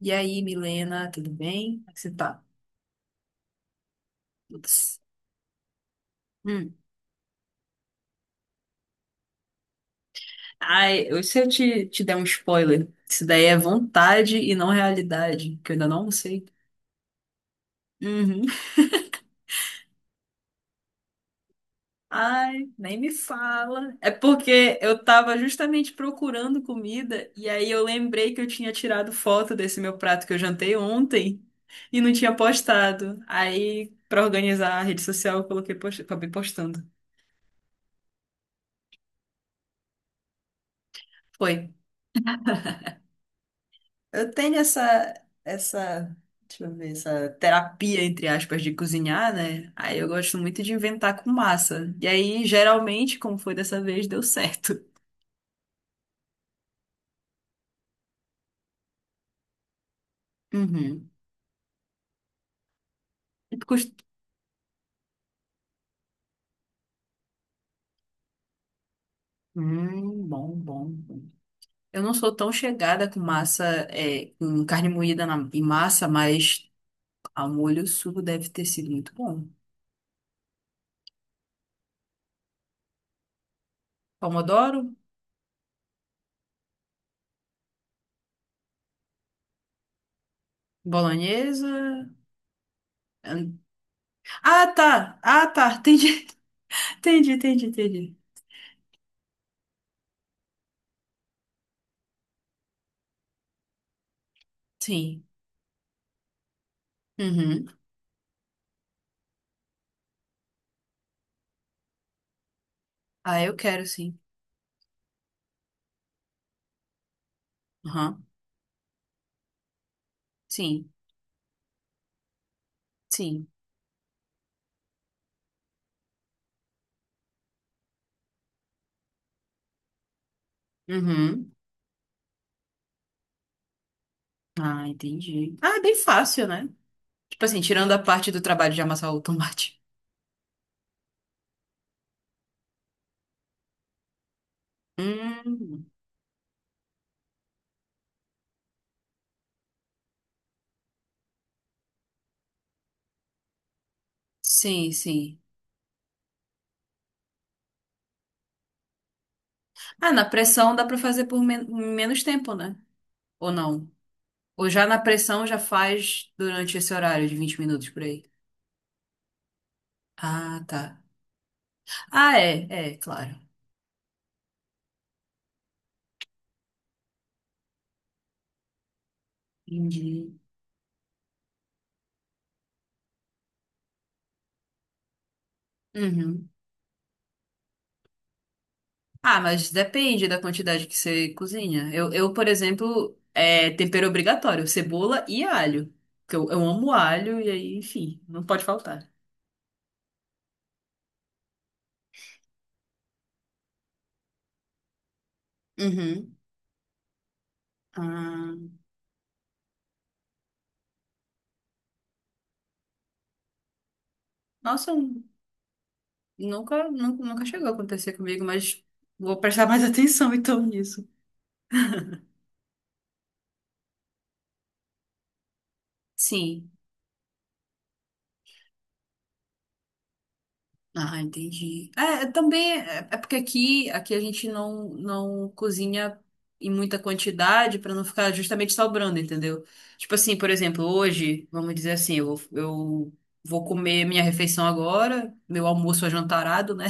E aí, Milena, tudo bem? Como é que você tá? Putz. Hum. Ai, se eu te der um spoiler, isso daí é vontade e não realidade, que eu ainda não sei. Uhum. Ai, nem me fala. É porque eu tava justamente procurando comida e aí eu lembrei que eu tinha tirado foto desse meu prato que eu jantei ontem e não tinha postado. Aí, pra organizar a rede social, acabei postando. Foi. Eu tenho essa, deixa eu ver, essa terapia, entre aspas, de cozinhar, né? Aí eu gosto muito de inventar com massa. E aí, geralmente, como foi dessa vez, deu certo. Uhum. E tu cust- bom, bom, bom. Eu não sou tão chegada com massa, com carne moída em massa, mas ao molho o sugo deve ter sido muito bom. Pomodoro, bolonhesa. ahn. Ah, tá! Ah, tá! Entendi, entendi, entendi, entendi. Sim. Uhum. Ah, eu quero sim. Aham. Sim, sim. Uhum. Ah, entendi. Ah, é bem fácil, né? Tipo assim, tirando a parte do trabalho de amassar o tomate. Hum. Sim, sim. Ah, na pressão dá pra fazer por menos tempo, né? Ou não? Ou já na pressão já faz durante esse horário de 20 minutos por aí. Ah, tá. Ah, é, claro. Entendi. Uhum. Ah, mas depende da quantidade que você cozinha. Eu, por exemplo, é tempero obrigatório, cebola e alho. Porque eu amo alho e aí, enfim, não pode faltar. Uhum. Ah, nossa, nunca, nunca, nunca chegou a acontecer comigo, mas vou prestar mais atenção então nisso. Sim. Ah, entendi. É, também é porque aqui a gente não cozinha em muita quantidade para não ficar justamente sobrando, entendeu? Tipo assim, por exemplo, hoje, vamos dizer assim, eu vou comer minha refeição agora, meu almoço ajantarado, né?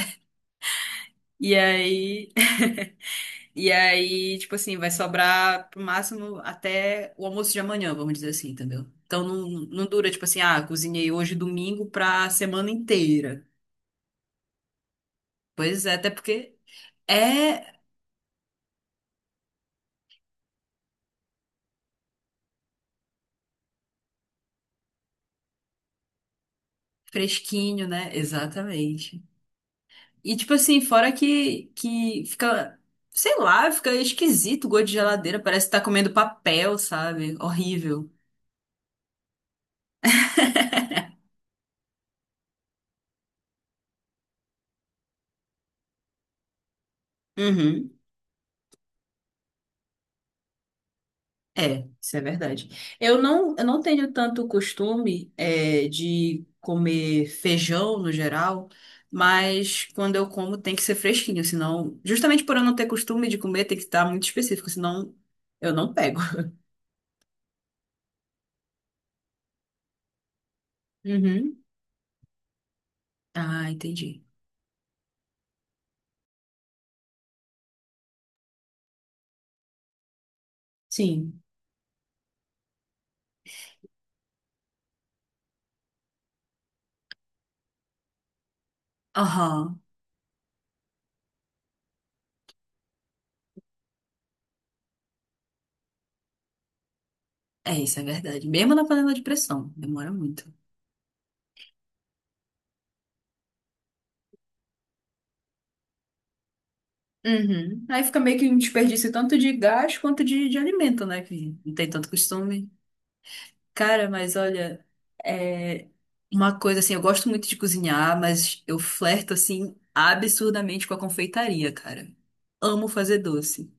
E aí, e aí, tipo assim, vai sobrar pro máximo até o almoço de amanhã, vamos dizer assim, entendeu? Então não dura, tipo assim, ah, cozinhei hoje domingo pra semana inteira. Pois é, até porque é. Fresquinho, né? Exatamente. E tipo assim, fora que fica, sei lá, fica esquisito o gosto de geladeira, parece que tá comendo papel, sabe? Horrível. Uhum. É, isso é verdade. Eu não tenho tanto costume, é, de comer feijão no geral, mas quando eu como tem que ser fresquinho, senão, justamente por eu não ter costume de comer, tem que estar muito específico, senão eu não pego. Uhum. Ah, entendi. Sim. Aham. É, isso é verdade. Mesmo na panela de pressão, demora muito. Uhum. Aí fica meio que um desperdício tanto de gás quanto de alimento, né? Que não tem tanto costume. Cara, mas olha, é uma coisa assim, eu gosto muito de cozinhar, mas eu flerto assim absurdamente com a confeitaria, cara. Amo fazer doce.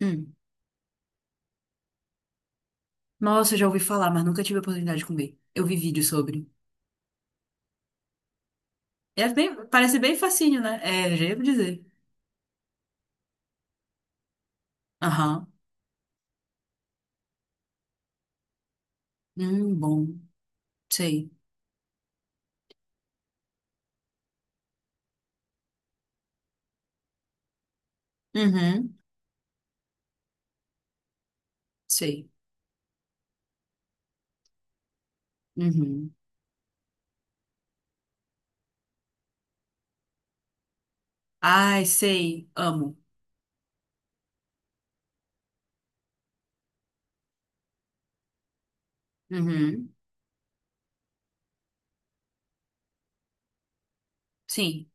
Hum. Nossa, eu já ouvi falar, mas nunca tive a oportunidade de comer. Eu vi vídeo sobre. É bem, parece bem facinho, né? É, já ia dizer. Aham. Bom. Sei. Uhum. Sei. Uhum. Ai, sei, amo. Uhum. Sim,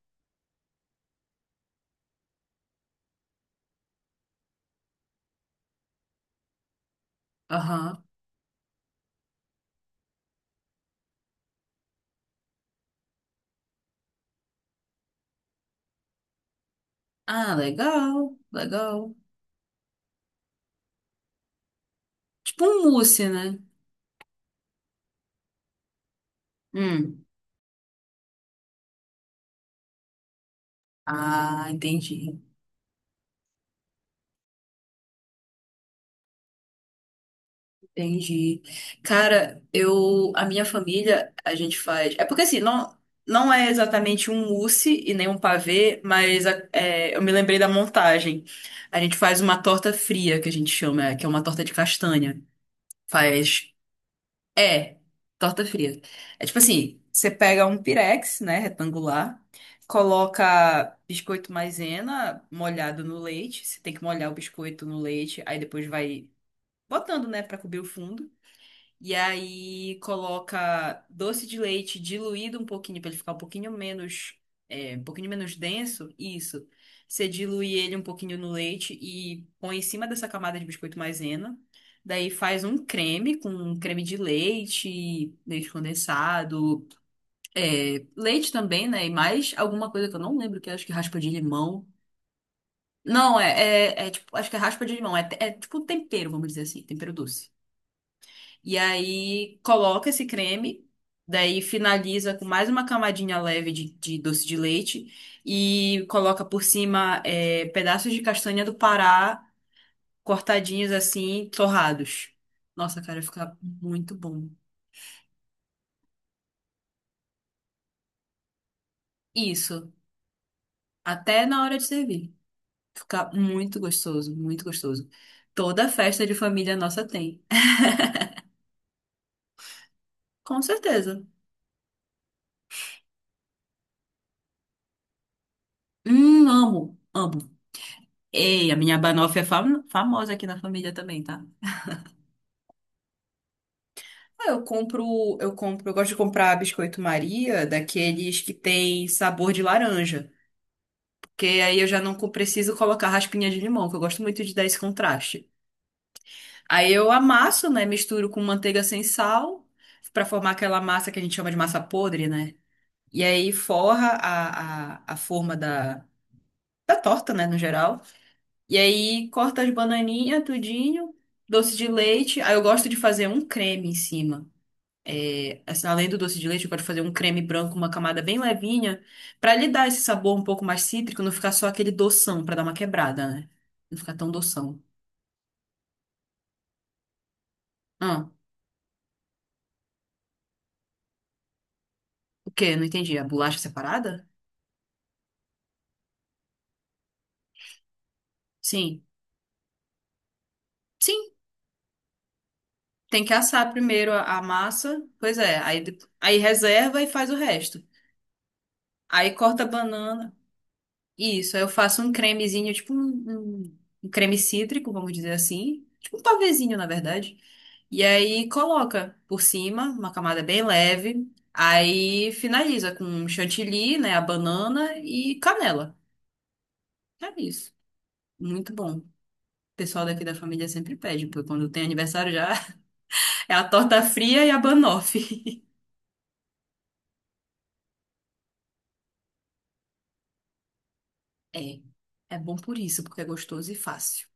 aham. Ah, legal, legal. Tipo um mousse, né? Hum. Ah, entendi, entendi. Cara, eu, a minha família, a gente faz. É porque assim, não é exatamente um mousse e nem um pavê, mas é, eu me lembrei da montagem. A gente faz uma torta fria, que a gente chama, que é uma torta de castanha. Faz É, torta fria. É tipo assim, você pega um pirex, né, retangular, coloca biscoito maisena molhado no leite, você tem que molhar o biscoito no leite, aí depois vai botando, né, pra cobrir o fundo. E aí coloca doce de leite diluído um pouquinho para ele ficar um pouquinho menos denso. Isso. Você dilui ele um pouquinho no leite e põe em cima dessa camada de biscoito maisena. Daí faz um creme com um creme de leite, leite condensado, leite também, né? E mais alguma coisa que eu não lembro, que eu acho que é raspa de limão. Não, é tipo, acho que é raspa de limão, é tipo tempero, vamos dizer assim, tempero doce. E aí coloca esse creme, daí finaliza com mais uma camadinha leve de doce de leite e coloca por cima pedaços de castanha do Pará cortadinhos assim, torrados. Nossa, cara, fica muito bom. Isso, até na hora de servir. Fica muito gostoso, muito gostoso. Toda festa de família nossa tem. Com certeza. Amo, amo. Ei, a minha banoffee é famosa aqui na família também, tá? Ah, eu compro, eu gosto de comprar biscoito Maria, daqueles que tem sabor de laranja, porque aí eu já não preciso colocar raspinha de limão, que eu gosto muito de dar esse contraste. Aí eu amasso, né, misturo com manteiga sem sal, pra formar aquela massa que a gente chama de massa podre, né? E aí forra a forma da torta, né, no geral. E aí corta as bananinhas, tudinho, doce de leite. Aí eu gosto de fazer um creme em cima, assim, além do doce de leite, eu quero fazer um creme branco, uma camada bem levinha, pra lhe dar esse sabor um pouco mais cítrico, não ficar só aquele doção, pra dar uma quebrada, né? Não ficar tão doção. Ah, o quê? Não entendi. A bolacha separada? Sim. Sim, tem que assar primeiro a massa. Pois é, aí reserva e faz o resto. Aí corta a banana. Isso, aí eu faço um cremezinho, tipo um creme cítrico, vamos dizer assim. Tipo um pavezinho, na verdade. E aí coloca por cima, uma camada bem leve. Aí finaliza com um chantilly, né? A banana e canela. É isso. Muito bom. O pessoal daqui da família sempre pede, porque quando tem aniversário já é a torta fria e a banoffee. É, é bom por isso, porque é gostoso e fácil.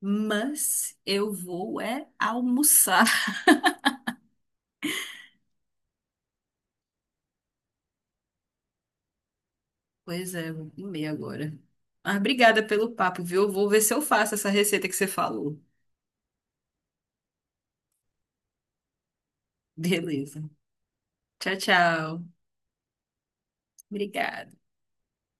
Mas eu vou é almoçar. Pois é, vou comer agora. Mas obrigada pelo papo, viu? Eu vou ver se eu faço essa receita que você falou. Beleza. Tchau, tchau. Obrigada.